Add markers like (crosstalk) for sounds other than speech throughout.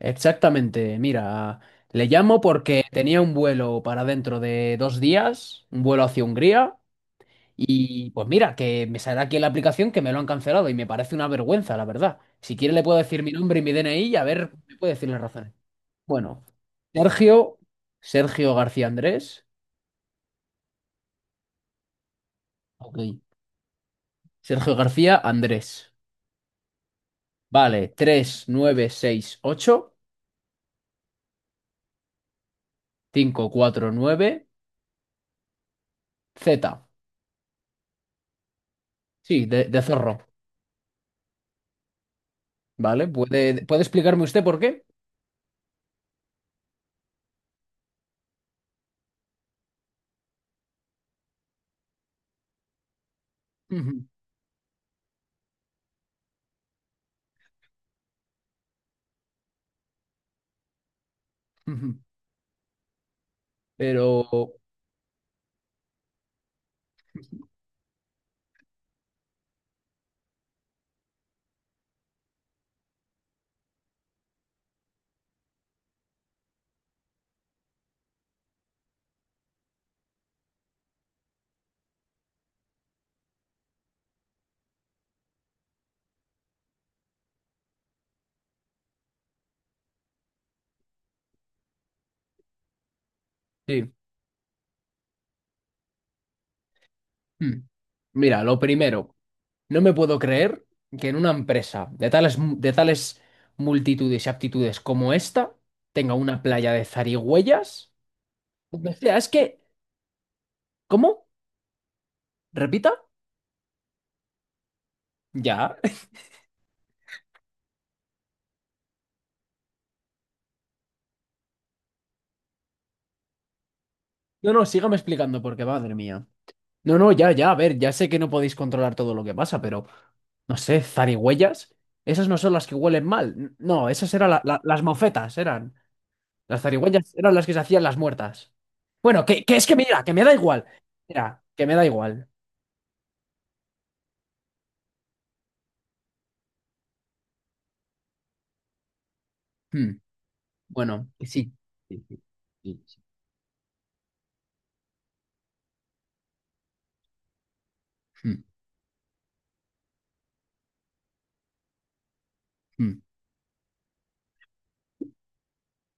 Exactamente, mira, le llamo porque tenía un vuelo para dentro de 2 días, un vuelo hacia Hungría, y pues mira, que me saldrá aquí en la aplicación que me lo han cancelado y me parece una vergüenza, la verdad. Si quiere le puedo decir mi nombre y mi DNI y a ver, me puede decir las razones. Bueno, Sergio, Sergio García Andrés. Ok, Sergio García Andrés, vale, 3968549Z, sí, de zorro. ¿Vale? ¿Puede explicarme usted por qué? Ujú, ujú. Pero sí. Mm. Mira, lo primero, no me puedo creer que en una empresa de tales multitudes y aptitudes como esta tenga una playa de zarigüeyas. O sea, es que, ¿cómo? ¿Repita? Ya. (laughs) No, no, sígame explicando porque, madre mía. No, no, ya, ya, a ver, ya sé que no podéis controlar todo lo que pasa, pero, no sé, zarigüeyas, esas no son las que huelen mal. No, esas eran las mofetas, eran. Las zarigüeyas eran las que se hacían las muertas. Bueno, que es que mira, que me da igual. Mira, que me da igual. Hmm. Bueno, que sí. Sí, sí, sí, sí. Hmm, hmm,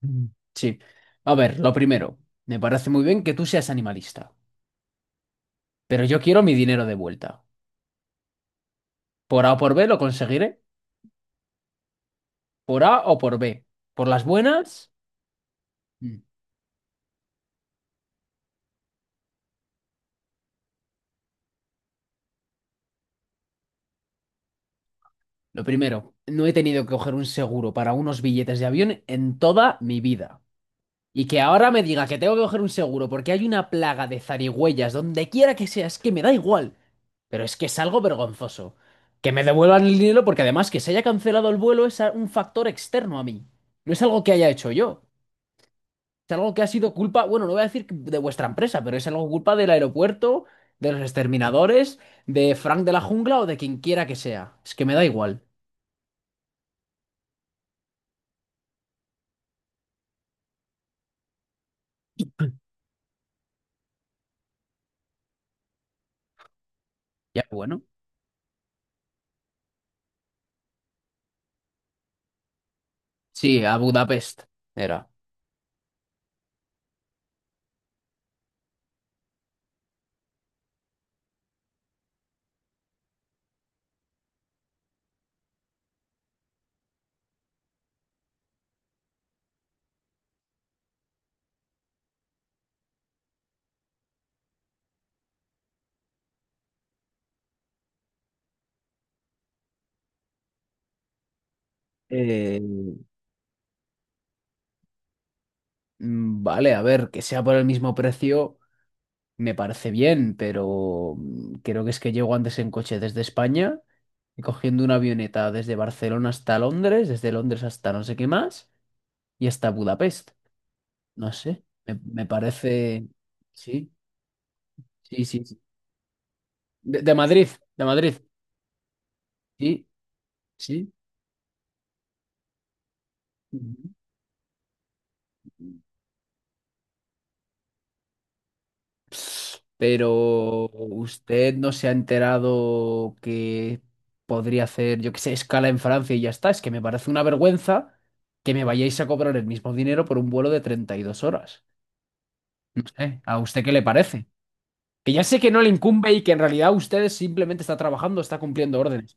hmm. Sí. A ver, lo primero, me parece muy bien que tú seas animalista, pero yo quiero mi dinero de vuelta. Por A o por B lo conseguiré, por A o por B. Por las buenas. Hmm. Lo primero, no he tenido que coger un seguro para unos billetes de avión en toda mi vida. Y que ahora me diga que tengo que coger un seguro porque hay una plaga de zarigüeyas donde quiera que sea, es que me da igual. Pero es que es algo vergonzoso. Que me devuelvan el dinero porque además que se haya cancelado el vuelo es un factor externo a mí. No es algo que haya hecho yo. Es algo que ha sido culpa, bueno, no voy a decir que de vuestra empresa, pero es algo culpa del aeropuerto, de los exterminadores, de Frank de la Jungla o de quien quiera que sea. Es que me da igual. Ya, bueno. Sí, a Budapest era. Eh, Mm. Vale, a ver, que sea por el mismo precio me parece bien, pero creo que es que llego antes en coche desde España y cogiendo una avioneta desde Barcelona hasta Londres, desde Londres hasta no sé qué más y hasta Budapest. No sé, me parece. Sí, sí, sí, sí. De, de Madrid, de Madrid. Sí, sí. Ujú. Pero usted no se ha enterado que podría hacer, yo qué sé, escala en Francia y ya está. Es que me parece una vergüenza que me vayáis a cobrar el mismo dinero por un vuelo de 32 horas. No sé, ¿a usted qué le parece? Que ya sé que no le incumbe y que en realidad usted simplemente está trabajando, está cumpliendo órdenes.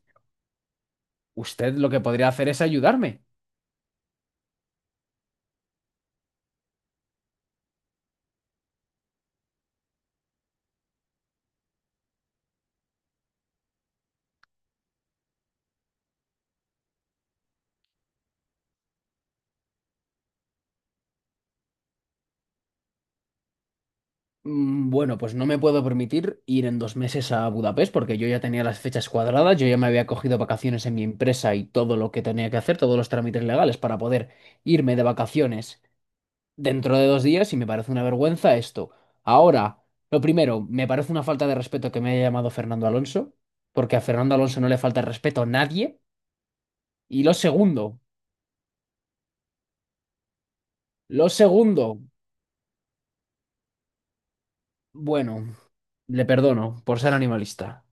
Usted lo que podría hacer es ayudarme. Bueno, pues no me puedo permitir ir en 2 meses a Budapest porque yo ya tenía las fechas cuadradas, yo ya me había cogido vacaciones en mi empresa y todo lo que tenía que hacer, todos los trámites legales para poder irme de vacaciones dentro de 2 días y me parece una vergüenza esto. Ahora, lo primero, me parece una falta de respeto que me haya llamado Fernando Alonso, porque a Fernando Alonso no le falta el respeto a nadie. Y lo segundo, bueno, le perdono por ser animalista.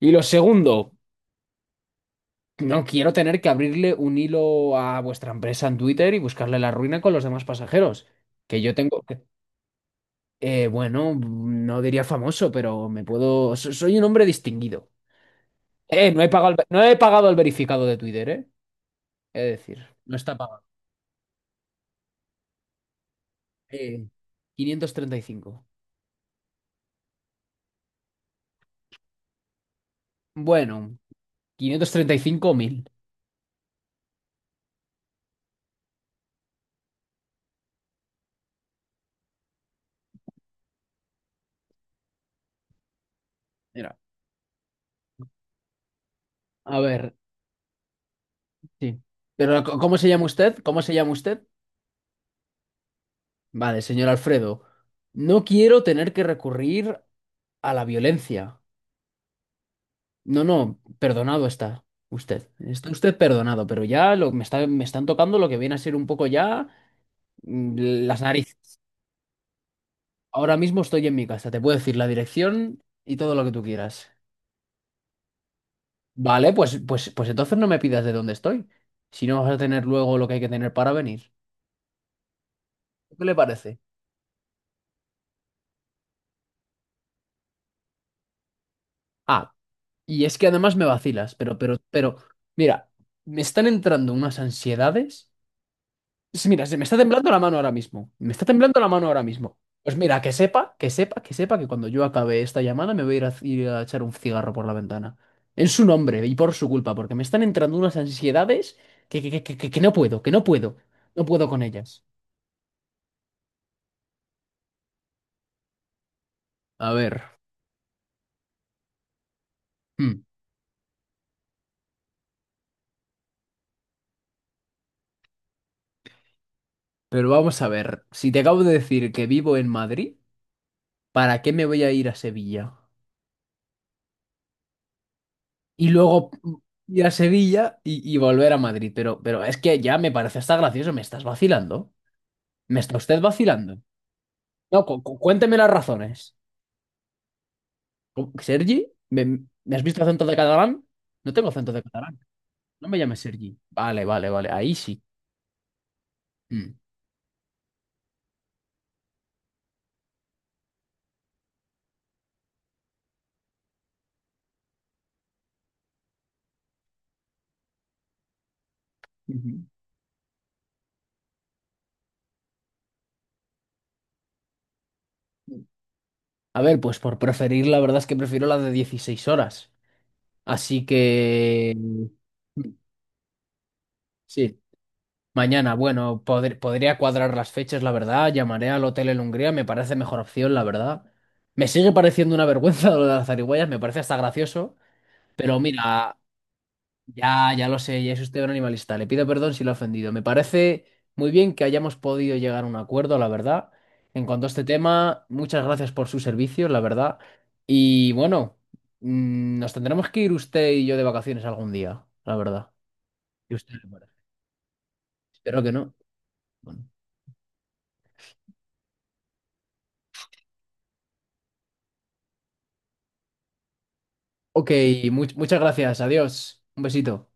Y lo segundo. No quiero tener que abrirle un hilo a vuestra empresa en Twitter y buscarle la ruina con los demás pasajeros. Que yo tengo, bueno, no diría famoso, pero me puedo. Soy un hombre distinguido. No he pagado el verificado de Twitter, ¿eh? Es decir, no está pagado. Eh, 535. Bueno, 535.000. Mira, a ver, sí. Pero, ¿cómo se llama usted? ¿Cómo se llama usted? Vale, señor Alfredo. No quiero tener que recurrir a la violencia. No, no, perdonado está usted. Está usted perdonado, pero ya me están tocando lo que viene a ser un poco ya mm, las narices. Ahora mismo estoy en mi casa, te puedo decir la dirección y todo lo que tú quieras. Vale, pues entonces no me pidas de dónde estoy. Si no vas a tener luego lo que hay que tener para venir. ¿Qué le parece? Ah, y es que además me vacilas, pero, mira, me están entrando unas ansiedades. Sí, mira, se me está temblando la mano ahora mismo. Me está temblando la mano ahora mismo. Pues mira, que sepa, que sepa, que sepa que cuando yo acabe esta llamada me voy a ir a echar un cigarro por la ventana. En su nombre y por su culpa, porque me están entrando unas ansiedades que no puedo, que no puedo. No puedo con ellas. A ver. Hmm. Pero vamos a ver. Si te acabo de decir que vivo en Madrid, ¿para qué me voy a ir a Sevilla? Y luego ir a Sevilla y volver a Madrid. Pero es que ya me parece hasta gracioso, me estás vacilando. ¿Me está usted vacilando? No, cuénteme las razones. ¿Sergi? ¿Me has visto acento de catalán? No tengo acento de catalán. No me llames Sergi. Vale, vale, vale. Ahí sí. Mm. Ujú. A ver, pues por preferir, la verdad es que prefiero la de 16 horas. Así que. Mm, sí. Mañana, bueno, podría cuadrar las fechas, la verdad. Llamaré al hotel en Hungría, me parece mejor opción, la verdad. Me sigue pareciendo una vergüenza lo de las zarigüeyas, me parece hasta gracioso. Pero mira, ya, ya lo sé, ya es usted un animalista. Le pido perdón si lo he ofendido. Me parece muy bien que hayamos podido llegar a un acuerdo, la verdad. En cuanto a este tema, muchas gracias por sus servicios, la verdad. Y bueno, nos tendremos que ir usted y yo de vacaciones algún día, la verdad. Y usted, bueno, espero que no. Bueno. Ok, muchas gracias. Adiós. Un besito.